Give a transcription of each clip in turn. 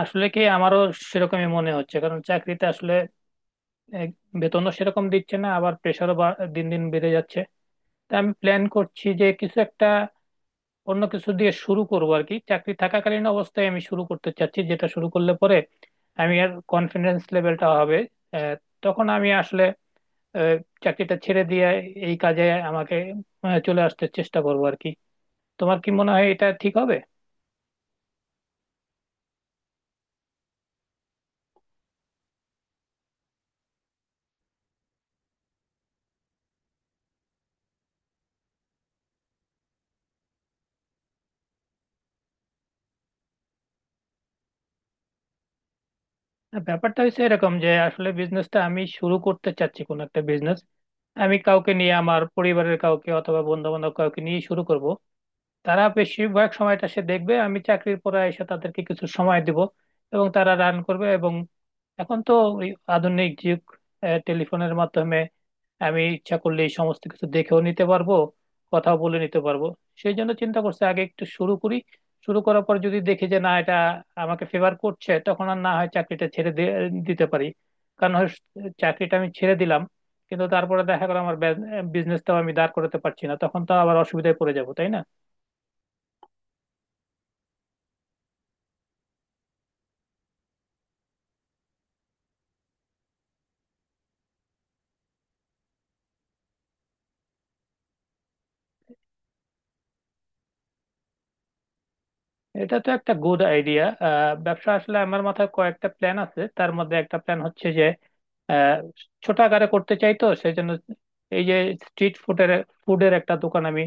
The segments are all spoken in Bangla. আসলে কি আমারও সেরকমই মনে হচ্ছে কারণ চাকরিতে আসলে এ, বেতনও সেরকম দিচ্ছে না আবার প্রেশারও দিন দিন বেড়ে যাচ্ছে। তাই আমি প্ল্যান করছি যে কিছু একটা অন্য কিছু দিয়ে শুরু করবো আর কি। চাকরি থাকাকালীন অবস্থায় আমি শুরু করতে চাচ্ছি, যেটা শুরু করলে পরে আমি আর কনফিডেন্স লেভেলটা হবে এ, তখন আমি আসলে এ, চাকরিটা ছেড়ে দিয়ে এই কাজে আমাকে চলে আসতে চেষ্টা করবো আর কি। তোমার কি মনে হয় এটা ঠিক হবে? না, ব্যাপারটা হচ্ছে এরকম যে আসলে বিজনেসটা আমি শুরু করতে চাচ্ছি, কোন একটা বিজনেস আমি কাউকে নিয়ে, আমার পরিবারের কাউকে অথবা বন্ধু বান্ধব কাউকে নিয়ে শুরু করব। তারা বেশিরভাগ সময়টা সে দেখবে, আমি চাকরির পরে এসে তাদেরকে কিছু সময় দিব এবং তারা রান করবে। এবং এখন তো ওই আধুনিক যুগ, টেলিফোনের মাধ্যমে আমি ইচ্ছা করলে এই সমস্ত কিছু দেখেও নিতে পারবো, কথা বলে নিতে পারবো। সেই জন্য চিন্তা করছি আগে একটু শুরু করি। শুরু করার পর যদি দেখি যে না, এটা আমাকে ফেভার করছে, তখন আর না হয় দিতে পারি। কারণ হয় চাকরিটা আমি ছেড়ে দিলাম, কিন্তু তারপরে দেখা গেলো আমার বিজনেসটাও আমি দাঁড় করাতে পারছি না, তখন তো আবার অসুবিধায় পড়ে যাবো তাই না? এটা তো একটা গুড আইডিয়া। ব্যবসা আসলে আমার মাথায় কয়েকটা প্ল্যান আছে, তার মধ্যে একটা প্ল্যান হচ্ছে আহ ছোট আকারে করতে চাই, তো সেই জন্য এই যে স্ট্রিট ফুডের ফুডের একটা দোকান আমি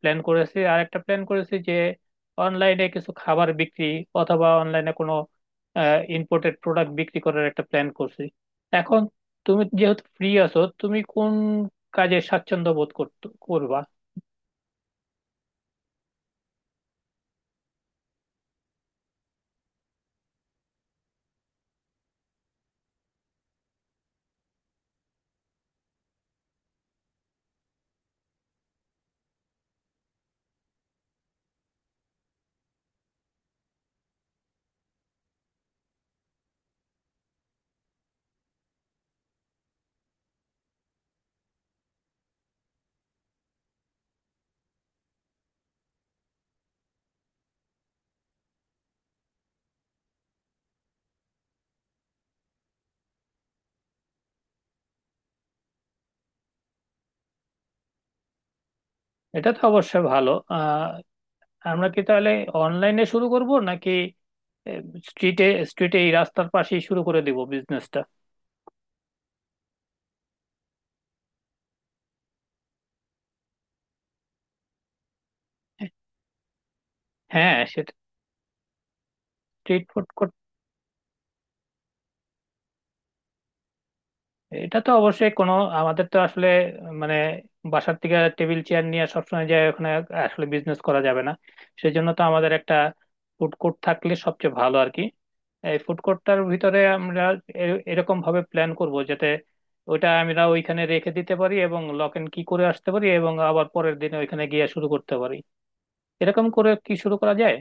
প্ল্যান করেছি। আর একটা প্ল্যান করেছি যে অনলাইনে কিছু খাবার বিক্রি অথবা অনলাইনে কোনো ইম্পোর্টেড প্রোডাক্ট বিক্রি করার একটা প্ল্যান করছি। এখন তুমি যেহেতু ফ্রি আছো, তুমি কোন কাজে স্বাচ্ছন্দ্য বোধ করবা? এটা তো অবশ্যই ভালো। আমরা কি তাহলে অনলাইনে শুরু করব নাকি স্ট্রিটে স্ট্রিটে এই রাস্তার পাশেই শুরু করে দিব বিজনেসটা? হ্যাঁ। Street food. এটা তো অবশ্যই কোনো আমাদের তো আসলে মানে বাসার থেকে টেবিল চেয়ার নিয়ে সবসময় যায় ওখানে আসলে বিজনেস করা যাবে না। সেজন্য তো আমাদের একটা ফুড কোর্ট থাকলে সবচেয়ে ভালো আর কি। এই ফুড কোর্টটার ভিতরে আমরা এরকম ভাবে প্ল্যান করব যাতে ওইটা আমরা ওইখানে রেখে দিতে পারি এবং লক এন্ড কি করে আসতে পারি এবং আবার পরের দিনে ওইখানে গিয়ে শুরু করতে পারি। এরকম করে কি শুরু করা যায়?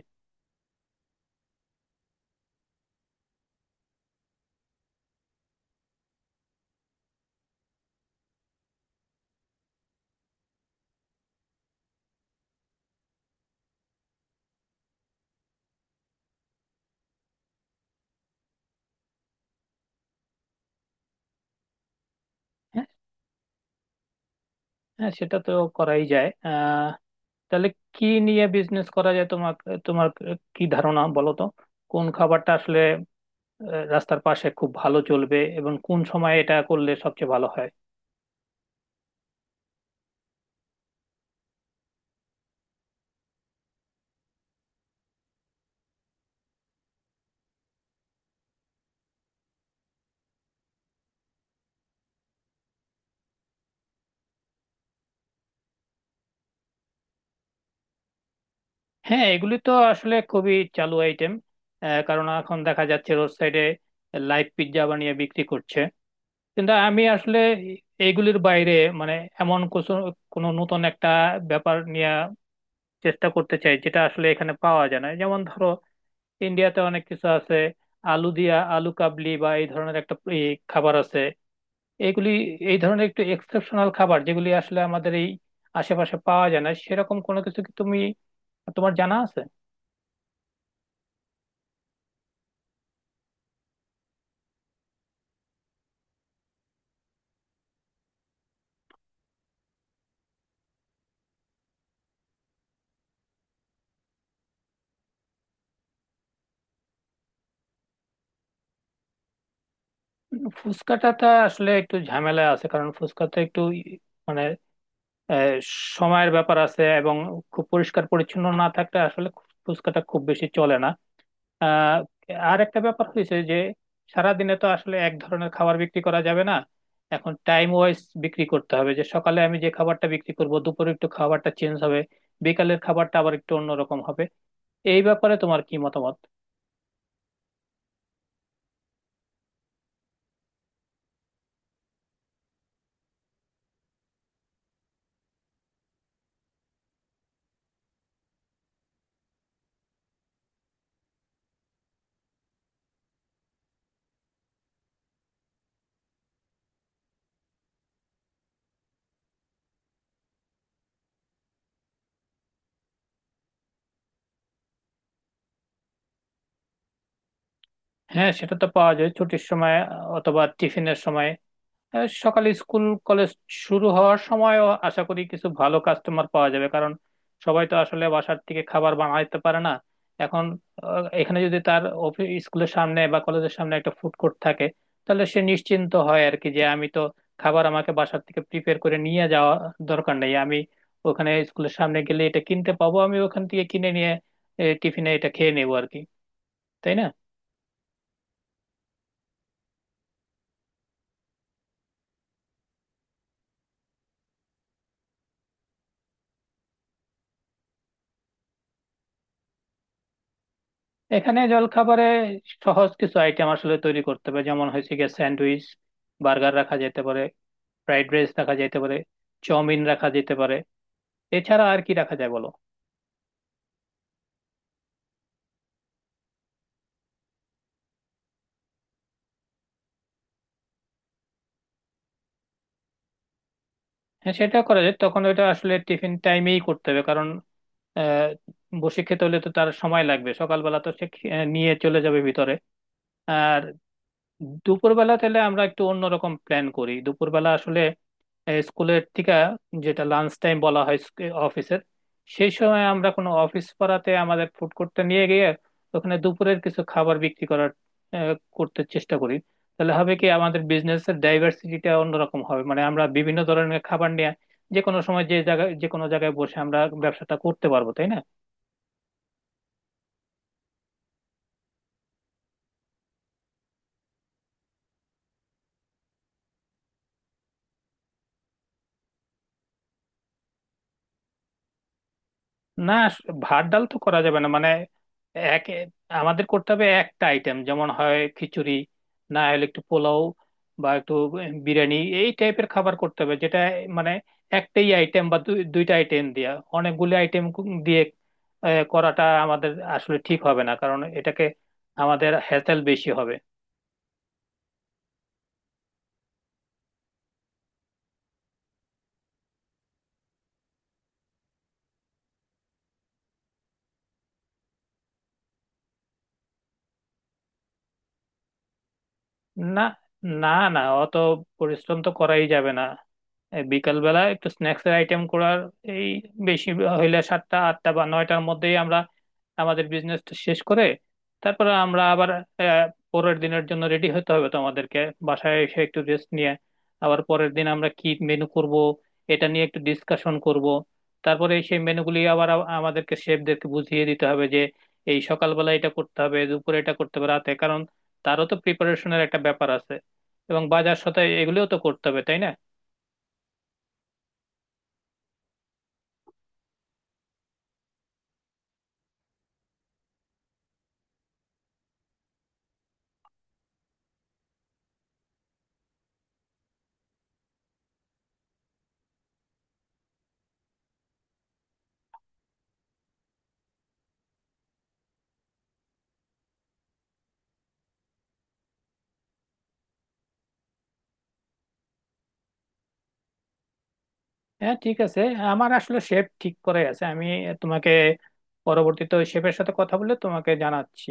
হ্যাঁ, হ্যাঁ, সেটা তো করাই যায়। তাহলে কি নিয়ে বিজনেস করা যায়, তোমার, তোমার কি ধারণা বলো তো? কোন খাবারটা আসলে রাস্তার পাশে খুব ভালো চলবে এবং কোন সময় এটা করলে সবচেয়ে ভালো হয়? হ্যাঁ, এগুলি তো আসলে খুবই চালু আইটেম। কারণ এখন দেখা যাচ্ছে রোড সাইডে লাইভ পিৎজা বানিয়ে বিক্রি করছে। কিন্তু আমি আসলে এইগুলির বাইরে মানে এমন কিছু কোনো নতুন একটা ব্যাপার নিয়ে চেষ্টা করতে চাই, যেটা আসলে এখানে পাওয়া যায় না। যেমন ধরো ইন্ডিয়াতে অনেক কিছু আছে, আলু দিয়া, আলু কাবলি বা এই ধরনের একটা এই খাবার আছে। এগুলি এই ধরনের একটু এক্সেপশনাল খাবার, যেগুলি আসলে আমাদের এই আশেপাশে পাওয়া যায় না, সেরকম কোনো কিছু কি তুমি, তোমার জানা আছে? ফুচকাটাতে আসলে একটু ঝামেলা আছে, কারণ ফুচকাতে একটু মানে আহ, সময়ের ব্যাপার আছে এবং খুব পরিষ্কার পরিচ্ছন্ন না থাকলে আসলে ফুচকাটা খুব বেশি চলে না। আহ আর একটা ব্যাপার হয়েছে যে সারাদিনে তো আসলে এক ধরনের খাবার বিক্রি করা যাবে না। এখন টাইম ওয়াইজ বিক্রি করতে হবে, যে সকালে আমি যে খাবারটা বিক্রি করব দুপুরে একটু খাবারটা চেঞ্জ হবে, বিকালের খাবারটা আবার একটু অন্যরকম হবে। এই ব্যাপারে তোমার কি মতামত? হ্যাঁ সেটা তো পাওয়া যায় ছুটির সময় অথবা টিফিনের সময়। সকালে স্কুল কলেজ শুরু হওয়ার সময়ও আশা করি কিছু ভালো কাস্টমার পাওয়া যাবে, কারণ সবাই তো আসলে বাসার থেকে খাবার বানাইতে পারে না। এখন এখানে যদি তার অফিস স্কুলের সামনে বা কলেজের সামনে একটা ফুড কোর্ট থাকে তাহলে সে নিশ্চিন্ত হয় আর কি, যে আমি তো খাবার আমাকে বাসার থেকে প্রিপেয়ার করে নিয়ে যাওয়া দরকার নেই, আমি ওখানে স্কুলের সামনে গেলে এটা কিনতে পাবো, আমি ওখান থেকে কিনে নিয়ে টিফিনে এটা খেয়ে নেবো আর কি। তাই না? এখানে জলখাবারে সহজ কিছু আইটেম আসলে তৈরি করতে হবে, যেমন হয়েছে গিয়ে স্যান্ডউইচ, বার্গার রাখা যেতে পারে, ফ্রাইড রাইস রাখা যেতে পারে, চাউমিন রাখা যেতে পারে। এছাড়া আর কি রাখা যায় বলো? হ্যাঁ সেটা করা যায়, তখন ওইটা আসলে টিফিন টাইমেই করতে হবে। কারণ আহ বসে খেতে হলে তো তার সময় লাগবে। সকালবেলা তো সে নিয়ে চলে যাবে ভিতরে। আর দুপুরবেলা তাহলে আমরা একটু অন্যরকম প্ল্যান করি। দুপুরবেলা আসলে এই স্কুলের থেকে যেটা লাঞ্চ টাইম বলা হয় অফিসের, সেই সময় আমরা কোনো অফিস পাড়াতে আমাদের ফুড কোর্টটা নিয়ে গিয়ে ওখানে দুপুরের কিছু খাবার বিক্রি করার আহ, করতে চেষ্টা করি। তাহলে হবে কি আমাদের বিজনেসের ডাইভার্সিটিটা অন্যরকম হবে, মানে আমরা বিভিন্ন ধরনের খাবার নিয়ে যে কোনো সময় যে জায়গায় যে কোনো জায়গায় বসে আমরা ব্যবসাটা করতে পারবো তাই না? না, ভাত ডাল তো করা যাবে না মানে এক আমাদের করতে হবে একটা আইটেম, যেমন হয় খিচুড়ি, না হলে একটু পোলাও বা একটু বিরিয়ানি এই টাইপের খাবার করতে হবে। যেটা মানে একটাই আইটেম বা দুইটা আইটেম দিয়া অনেকগুলো আইটেম দিয়ে করাটা আমাদের আসলে ঠিক হবে না, কারণ এটাকে আমাদের হ্যাসেল বেশি হবে। না, না, না, অত পরিশ্রম তো করাই যাবে না। এই বিকাল বেলা একটু স্ন্যাক্স এর আইটেম করার, এই বেশি হইলে 7টা 8টা বা 9টার মধ্যেই আমরা আমাদের বিজনেসটা শেষ করে তারপরে আমরা আবার আহ, পরের দিনের জন্য রেডি হতে হবে, তোমাদেরকে বাসায় এসে একটু রেস্ট নিয়ে। আবার পরের দিন আমরা কি মেনু করব এটা নিয়ে একটু ডিসকাশন করব। তারপরে সেই মেনুগুলি আবার আমাদেরকে শেফদেরকে বুঝিয়ে দিতে হবে যে এই সকালবেলা এটা করতে হবে, দুপুরে এটা করতে হবে, রাতে। তারও তো প্রিপারেশনের একটা ব্যাপার আছে এবং বাজার সদাই এগুলোও তো করতে হবে তাই না? হ্যাঁ ঠিক আছে। আমার আসলে শেপ ঠিক করে আছে। আমি তোমাকে পরবর্তীতে ওই শেফের সাথে কথা বলে তোমাকে জানাচ্ছি।